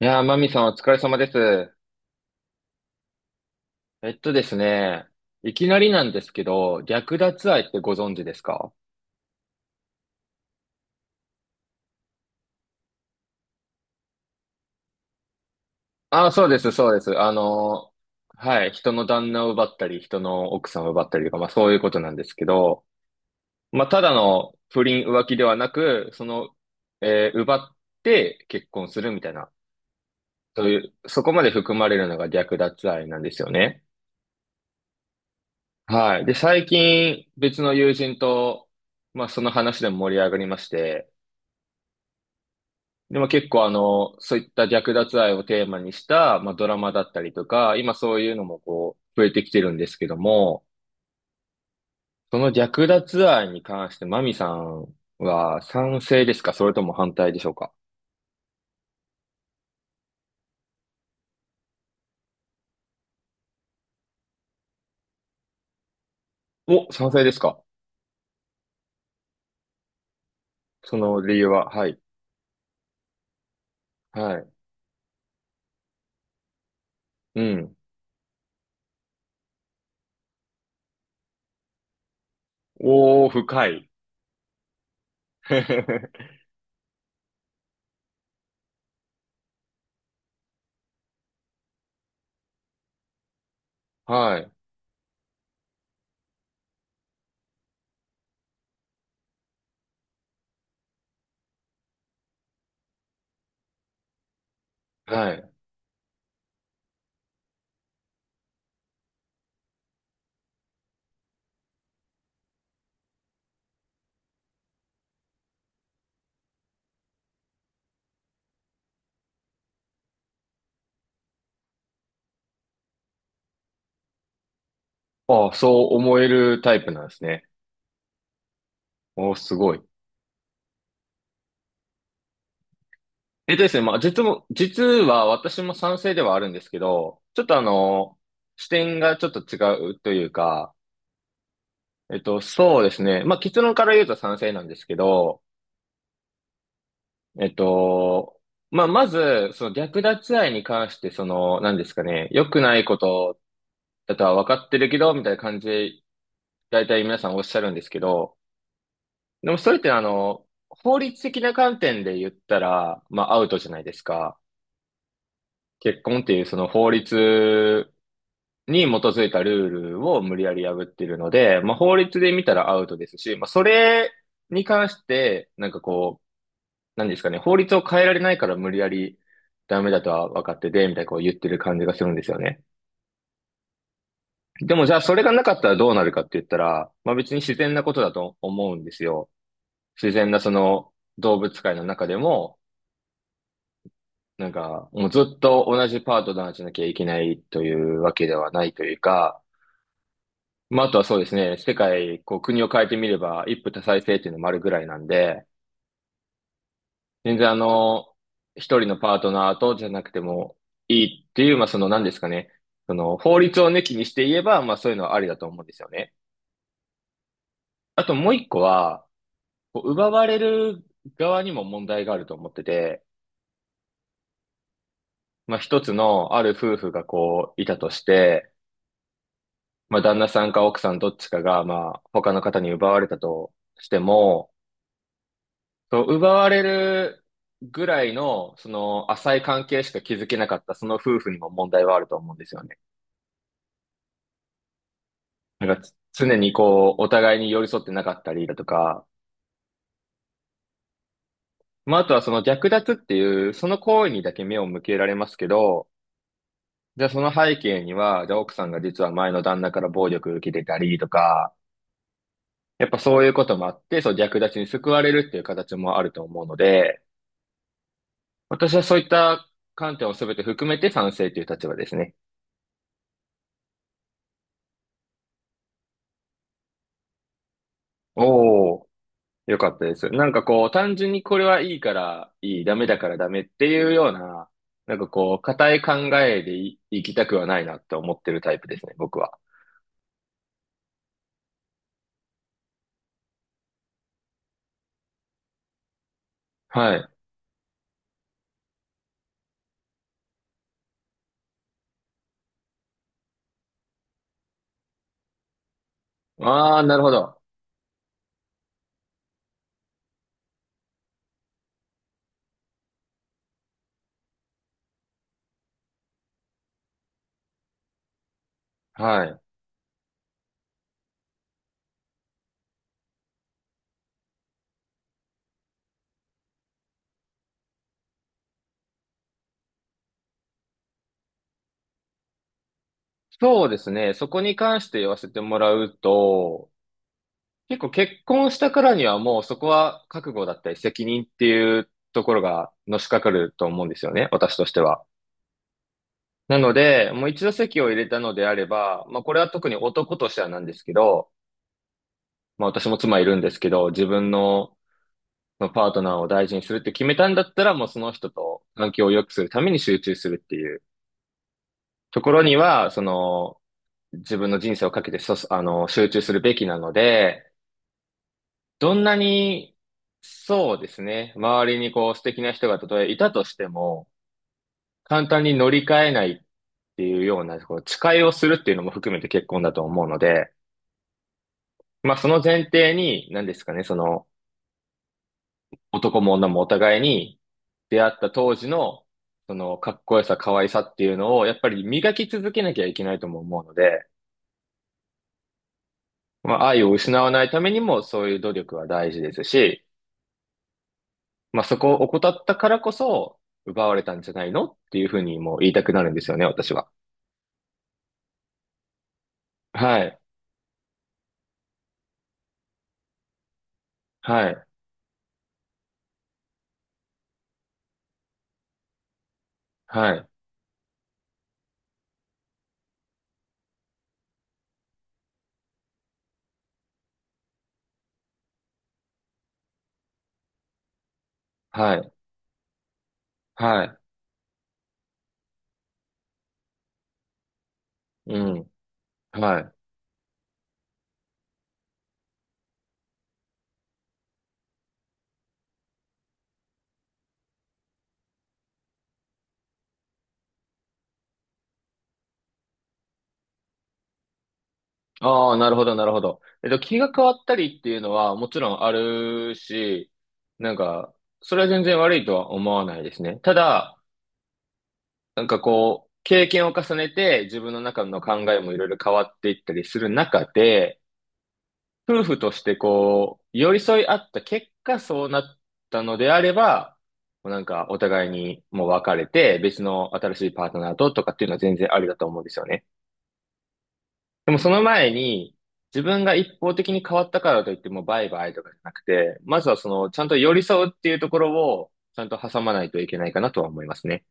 いやー、マミさんお疲れ様です。えっとですね、いきなりなんですけど、略奪愛ってご存知ですか？ああー、そうです、そうです。はい、人の旦那を奪ったり、人の奥さんを奪ったりとか、まあそういうことなんですけど、まあただの不倫浮気ではなく、その、奪って結婚するみたいな、そういう、そこまで含まれるのが略奪愛なんですよね。はい。で、最近別の友人と、まあその話でも盛り上がりまして、でも結構あの、そういった略奪愛をテーマにした、まあ、ドラマだったりとか、今そういうのもこう、増えてきてるんですけども、その略奪愛に関してマミさんは賛成ですか、それとも反対でしょうか？お、賛成ですか？その理由は？はい。はい。うん。おー、深い。はい。はい。ああ、そう思えるタイプなんですね。おー、すごい。えっとですね、まあ、実は私も賛成ではあるんですけど、ちょっとあの、視点がちょっと違うというか、そうですね。まあ、結論から言うと賛成なんですけど、えっと、まあ、まず、その略奪愛に関して、その、何ですかね、良くないことだとは分かってるけど、みたいな感じで、大体皆さんおっしゃるんですけど、でもそれってあの、法律的な観点で言ったら、まあ、アウトじゃないですか。結婚っていうその法律に基づいたルールを無理やり破ってるので、まあ、法律で見たらアウトですし、まあ、それに関して、なんかこう、何ですかね、法律を変えられないから無理やりダメだとは分かってて、みたいなこう言ってる感じがするんですよね。でもじゃあそれがなかったらどうなるかって言ったら、まあ別に自然なことだと思うんですよ。自然なその動物界の中でも、なんかもうずっと同じパートナーじゃなきゃいけないというわけではないというか、まあ、あとはそうですね、世界、こう、国を変えてみれば、一夫多妻制っていうのもあるぐらいなんで、全然あの、一人のパートナーとじゃなくてもいいっていう、まあ、その何ですかね、その、法律を抜きにして言えば、まあ、そういうのはありだと思うんですよね。あともう一個は、こう奪われる側にも問題があると思ってて、まあ、一つのある夫婦がこう、いたとして、まあ、旦那さんか奥さんどっちかが、まあ、他の方に奪われたとしても、そう、奪われるぐらいの、その、浅い関係しか築けなかった、その夫婦にも問題はあると思うんですよね。なんか、常にこう、お互いに寄り添ってなかったりだとか、まあ、あとはその略奪っていう、その行為にだけ目を向けられますけど、じゃあその背景には、じゃあ奥さんが実は前の旦那から暴力を受けてたりとか、やっぱそういうこともあって、そう、略奪に救われるっていう形もあると思うので、私はそういった観点を全て含めて賛成という立場ですね。おお。よかったです。なんかこう、単純にこれはいいからいい、ダメだからダメっていうような、なんかこう、固い考えで、生きたくはないなって思ってるタイプですね、僕は。はい。ああ、なるほど。はい。そうですね。そこに関して言わせてもらうと、結構結婚したからにはもうそこは覚悟だったり責任っていうところがのしかかると思うんですよね。私としては。なので、もう一度籍を入れたのであれば、まあこれは特に男としてはなんですけど、まあ私も妻いるんですけど、自分のまあパートナーを大事にするって決めたんだったら、もうその人と環境を良くするために集中するっていうところには、その自分の人生をかけてそ、あの、集中するべきなので、どんなに、そうですね、周りにこう素敵な人がたとえいたとしても、簡単に乗り換えないっていうような、こう誓いをするっていうのも含めて結婚だと思うので、まあその前提に、何ですかね、その男も女もお互いに、出会った当時の、その、かっこよさ、可愛さっていうのを、やっぱり磨き続けなきゃいけないとも思うので、まあ、愛を失わないためにも、そういう努力は大事ですし、まあ、そこを怠ったからこそ、奪われたんじゃないのっていうふうにもう言いたくなるんですよね、私は。はい、はい、はい、はい、はい、うん、はい。ああ、なるほど、なるほど。気が変わったりっていうのはもちろんあるし、なんか、それは全然悪いとは思わないですね。ただ、なんかこう、経験を重ねて自分の中の考えもいろいろ変わっていったりする中で、夫婦としてこう、寄り添い合った結果そうなったのであれば、もうなんかお互いにもう別れて別の新しいパートナーととかっていうのは全然ありだと思うんですよね。でもその前に自分が一方的に変わったからといってもうバイバイとかじゃなくて、まずはそのちゃんと寄り添うっていうところをちゃんと挟まないといけないかなとは思いますね。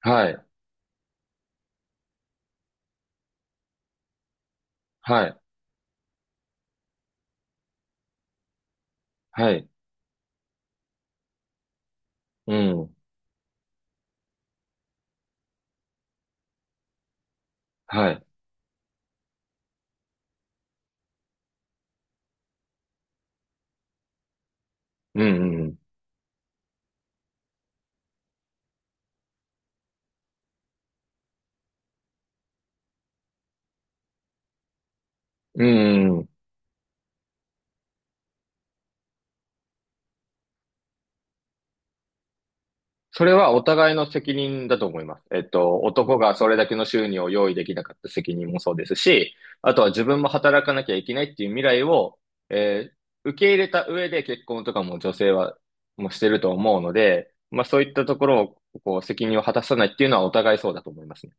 はい。はい。はい。うん。はい。うんうん。うんうん。それはお互いの責任だと思います。男がそれだけの収入を用意できなかった責任もそうですし、あとは自分も働かなきゃいけないっていう未来を、えー受け入れた上で結婚とかも女性はもうしてると思うので、まあそういったところをこう責任を果たさないっていうのはお互いそうだと思いますね。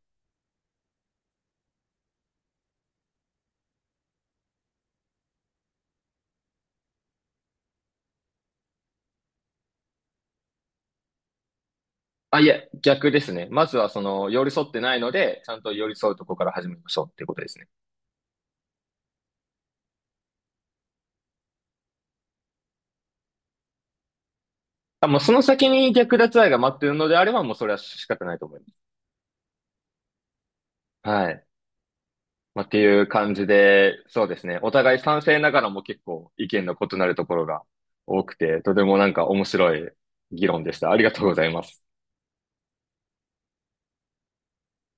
あ、いや、逆ですね。まずはその寄り添ってないので、ちゃんと寄り添うとこから始めましょうっていうことですね。あ、もうその先に略奪愛が待ってるのであれば、もうそれは仕方ないと思います。はい。まあ、っていう感じで、そうですね。お互い賛成ながらも結構意見の異なるところが多くて、とてもなんか面白い議論でした。ありがとうございます。